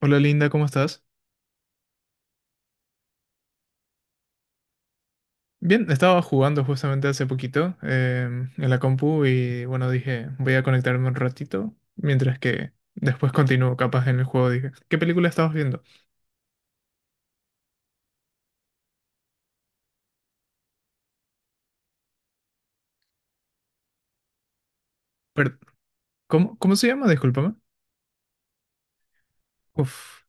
Hola Linda, ¿cómo estás? Bien, estaba jugando justamente hace poquito en la compu y bueno, dije, voy a conectarme un ratito, mientras que después continúo capaz en el juego. Dije, ¿qué película estabas viendo? Per- ¿cómo se llama? Discúlpame. Uf,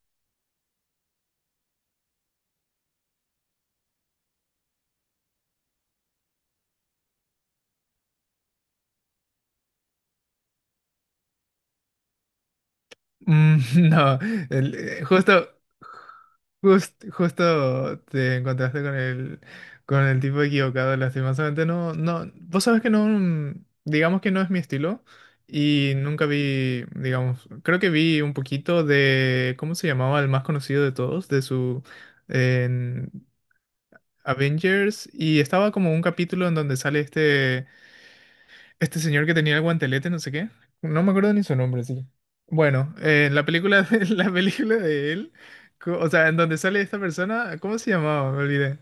mm, no, el- eh, justo, justo te encontraste con el tipo equivocado, lastimosamente. No, no, vos sabés que no, mm, digamos que no es mi estilo. Y nunca vi, digamos, creo que vi un poquito de, ¿cómo se llamaba? El más conocido de todos, de su en Avengers. Y estaba como un capítulo en donde sale este. Este señor que tenía el guantelete, no sé qué. No me acuerdo ni su nombre, sí. Bueno, la película de, la película de él, o sea, en donde sale esta persona, ¿cómo se llamaba? Me olvidé.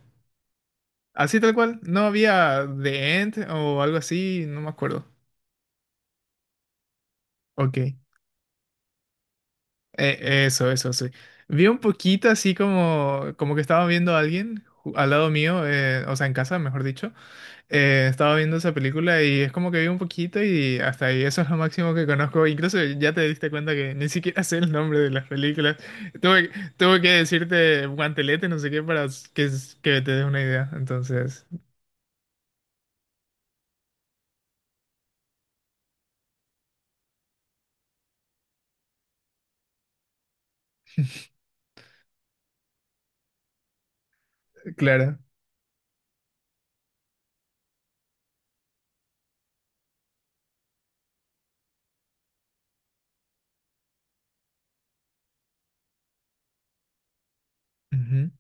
Así tal cual, no había The End o algo así, no me acuerdo. Ok. Eso, eso, sí. Vi un poquito así como, como que estaba viendo a alguien al lado mío, o sea, en casa, mejor dicho. Estaba viendo esa película y es como que vi un poquito y hasta ahí, eso es lo máximo que conozco. Incluso ya te diste cuenta que ni siquiera sé el nombre de las películas. Tuve, tuve que decirte guantelete, no sé qué, para que, que te des una idea. Entonces, claro. Ujú.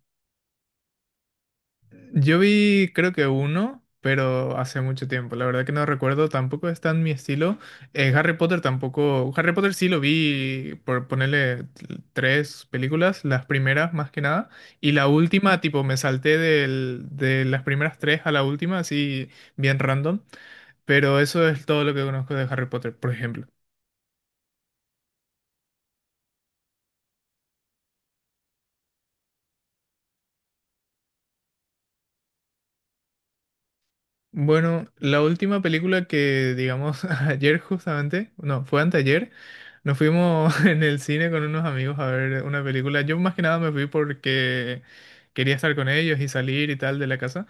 Yo vi, creo que uno, pero hace mucho tiempo. La verdad que no recuerdo, tampoco está en mi estilo. Harry Potter tampoco. Harry Potter sí lo vi por ponerle tres películas, las primeras más que nada. Y la última, tipo, me salté de las primeras tres a la última, así bien random. Pero eso es todo lo que conozco de Harry Potter, por ejemplo. Bueno, la última película que, digamos, ayer justamente, no, fue anteayer, nos fuimos en el cine con unos amigos a ver una película. Yo más que nada me fui porque quería estar con ellos y salir y tal de la casa,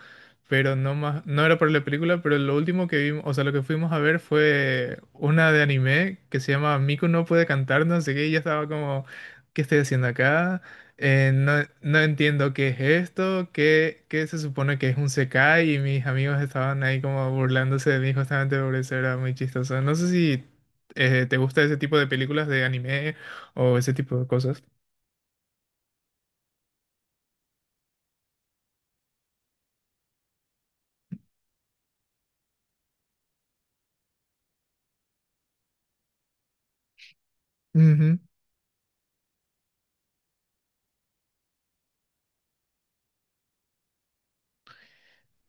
pero no más, no era por la película, pero lo último que vimos, o sea, lo que fuimos a ver fue una de anime que se llama Miku no puede cantar, no sé qué, y ya estaba como, ¿qué estoy haciendo acá? No, no entiendo qué es esto, qué se supone que es un Sekai y mis amigos estaban ahí como burlándose de mí justamente por eso era muy chistoso. No sé si te gusta ese tipo de películas de anime o ese tipo de cosas.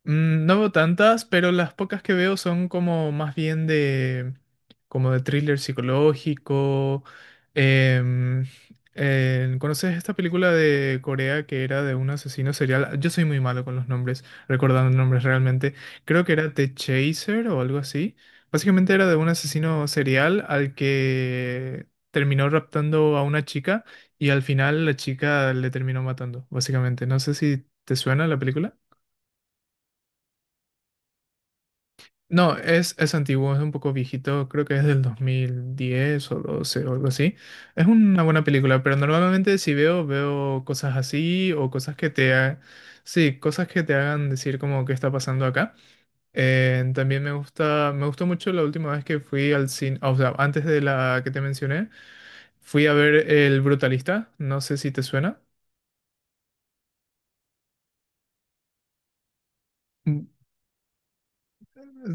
Mm, no veo tantas, pero las pocas que veo son como más bien de, como de thriller psicológico. Em, ¿Conoces esta película de Corea que era de un asesino serial? Yo soy muy malo con los nombres, recordando nombres realmente. Creo que era The Chaser o algo así. Básicamente era de un asesino serial al que terminó raptando a una chica y al final la chica le terminó matando, básicamente. No sé si te suena la película. No, es antiguo, es un poco viejito, creo que es del 2010 o 12 o algo así. Es una buena película, pero normalmente si veo, veo cosas así o cosas que sí, cosas que te hagan decir como qué está pasando acá. También me gustó mucho la última vez que fui al cine, o sea, antes de la que te mencioné, fui a ver El Brutalista, no sé si te suena. Mm,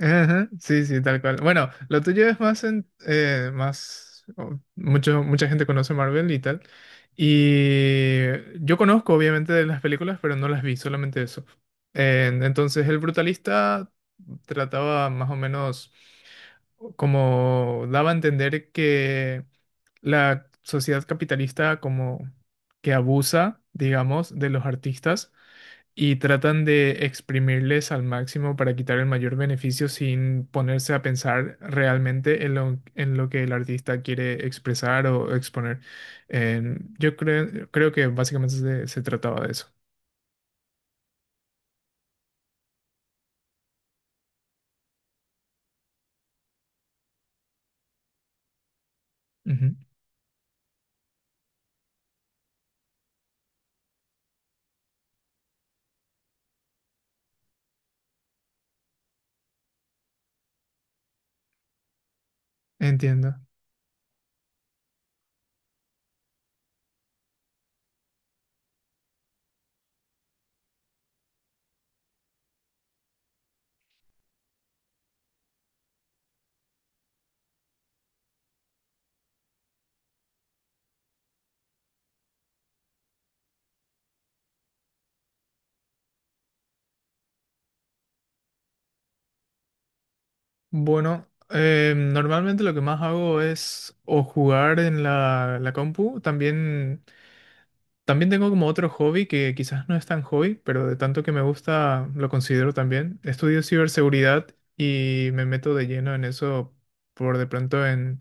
ajá, sí, sí, tal cual. Bueno, lo tuyo es más en, más, mucho, mucha gente conoce Marvel y tal. Y yo conozco obviamente de las películas, pero no las vi, solamente eso. Entonces, El Brutalista trataba más o menos como daba a entender que la sociedad capitalista como que abusa, digamos, de los artistas y tratan de exprimirles al máximo para quitar el mayor beneficio sin ponerse a pensar realmente en lo que el artista quiere expresar o exponer. Yo creo que básicamente se trataba de eso. Ujú, entiendo. Bueno, normalmente lo que más hago es o jugar en la, la compu, también también tengo como otro hobby que quizás no es tan hobby, pero de tanto que me gusta lo considero también. Estudio ciberseguridad y me meto de lleno en eso por de pronto en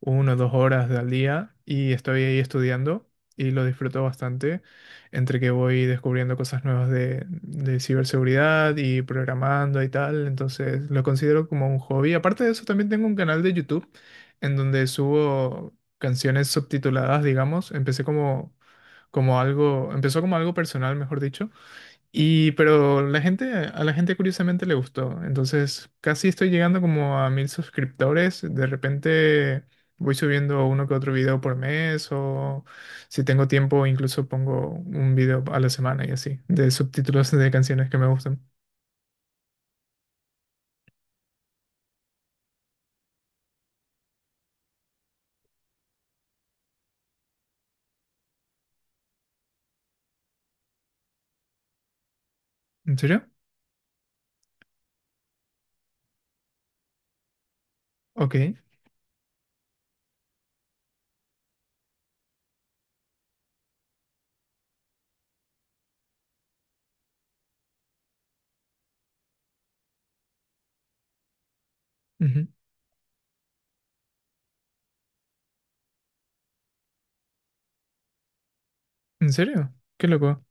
una o dos horas al día y estoy ahí estudiando y lo disfruto bastante entre que voy descubriendo cosas nuevas de ciberseguridad y programando y tal. Entonces lo considero como un hobby. Aparte de eso, también tengo un canal de YouTube en donde subo canciones subtituladas, digamos. Empecé como, como algo, empezó como algo personal, mejor dicho y pero la gente, a la gente curiosamente le gustó. Entonces, casi estoy llegando como a 1000 suscriptores. De repente voy subiendo uno que otro video por mes o si tengo tiempo incluso pongo un video a la semana y así, de subtítulos de canciones que me gustan. ¿En serio? Ok. Ujú. ¿En serio? Qué loco.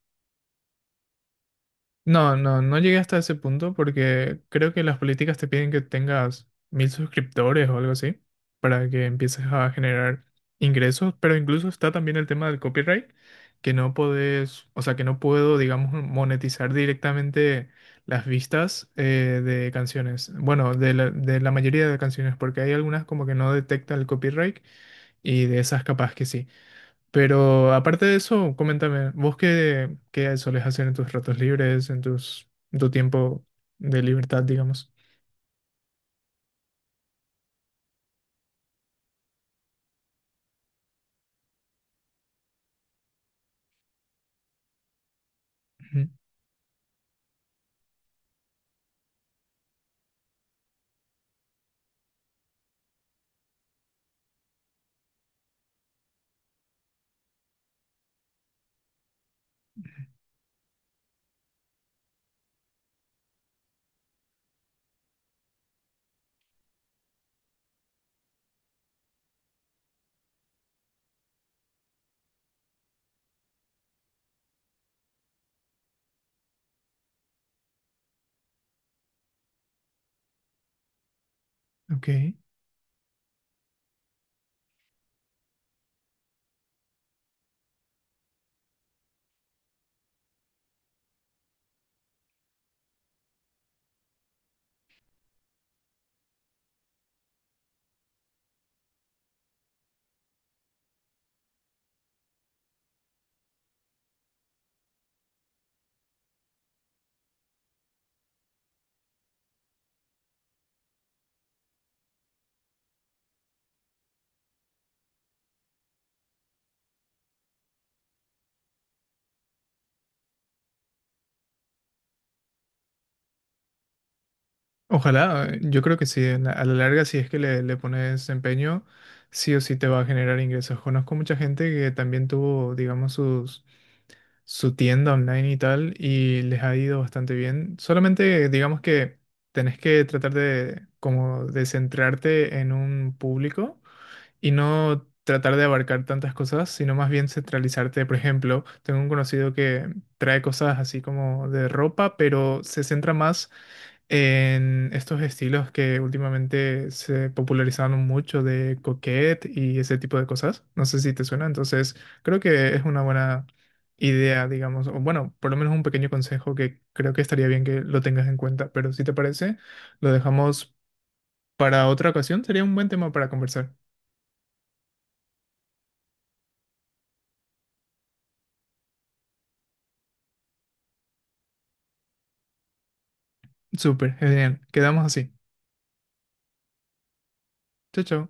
No, no, no llegué hasta ese punto porque creo que las políticas te piden que tengas 1000 suscriptores o algo así para que empieces a generar ingresos, pero incluso está también el tema del copyright, que no podés, o sea, que no puedo, digamos, monetizar directamente las vistas de canciones, bueno, de la mayoría de canciones, porque hay algunas como que no detecta el copyright y de esas capaz que sí. Pero aparte de eso, coméntame, ¿vos qué solés hacer en tus ratos libres, en tus, en tu tiempo de libertad, digamos? Ujú. Ok. Ojalá, yo creo que sí, en a la larga, si es que le pones empeño, sí o sí te va a generar ingresos. Conozco mucha gente que también tuvo, digamos, sus, su tienda online y tal, y les ha ido bastante bien. Solamente, digamos que tenés que tratar de, como, de centrarte en un público y no tratar de abarcar tantas cosas, sino más bien centralizarte. Por ejemplo, tengo un conocido que trae cosas así como de ropa, pero se centra más en estos estilos que últimamente se popularizaron mucho de coquette y ese tipo de cosas. No sé si te suena, entonces creo que es una buena idea, digamos, o bueno, por lo menos un pequeño consejo que creo que estaría bien que lo tengas en cuenta, pero si te parece, lo dejamos para otra ocasión, sería un buen tema para conversar. Súper, genial. Quedamos así. Chao, chao.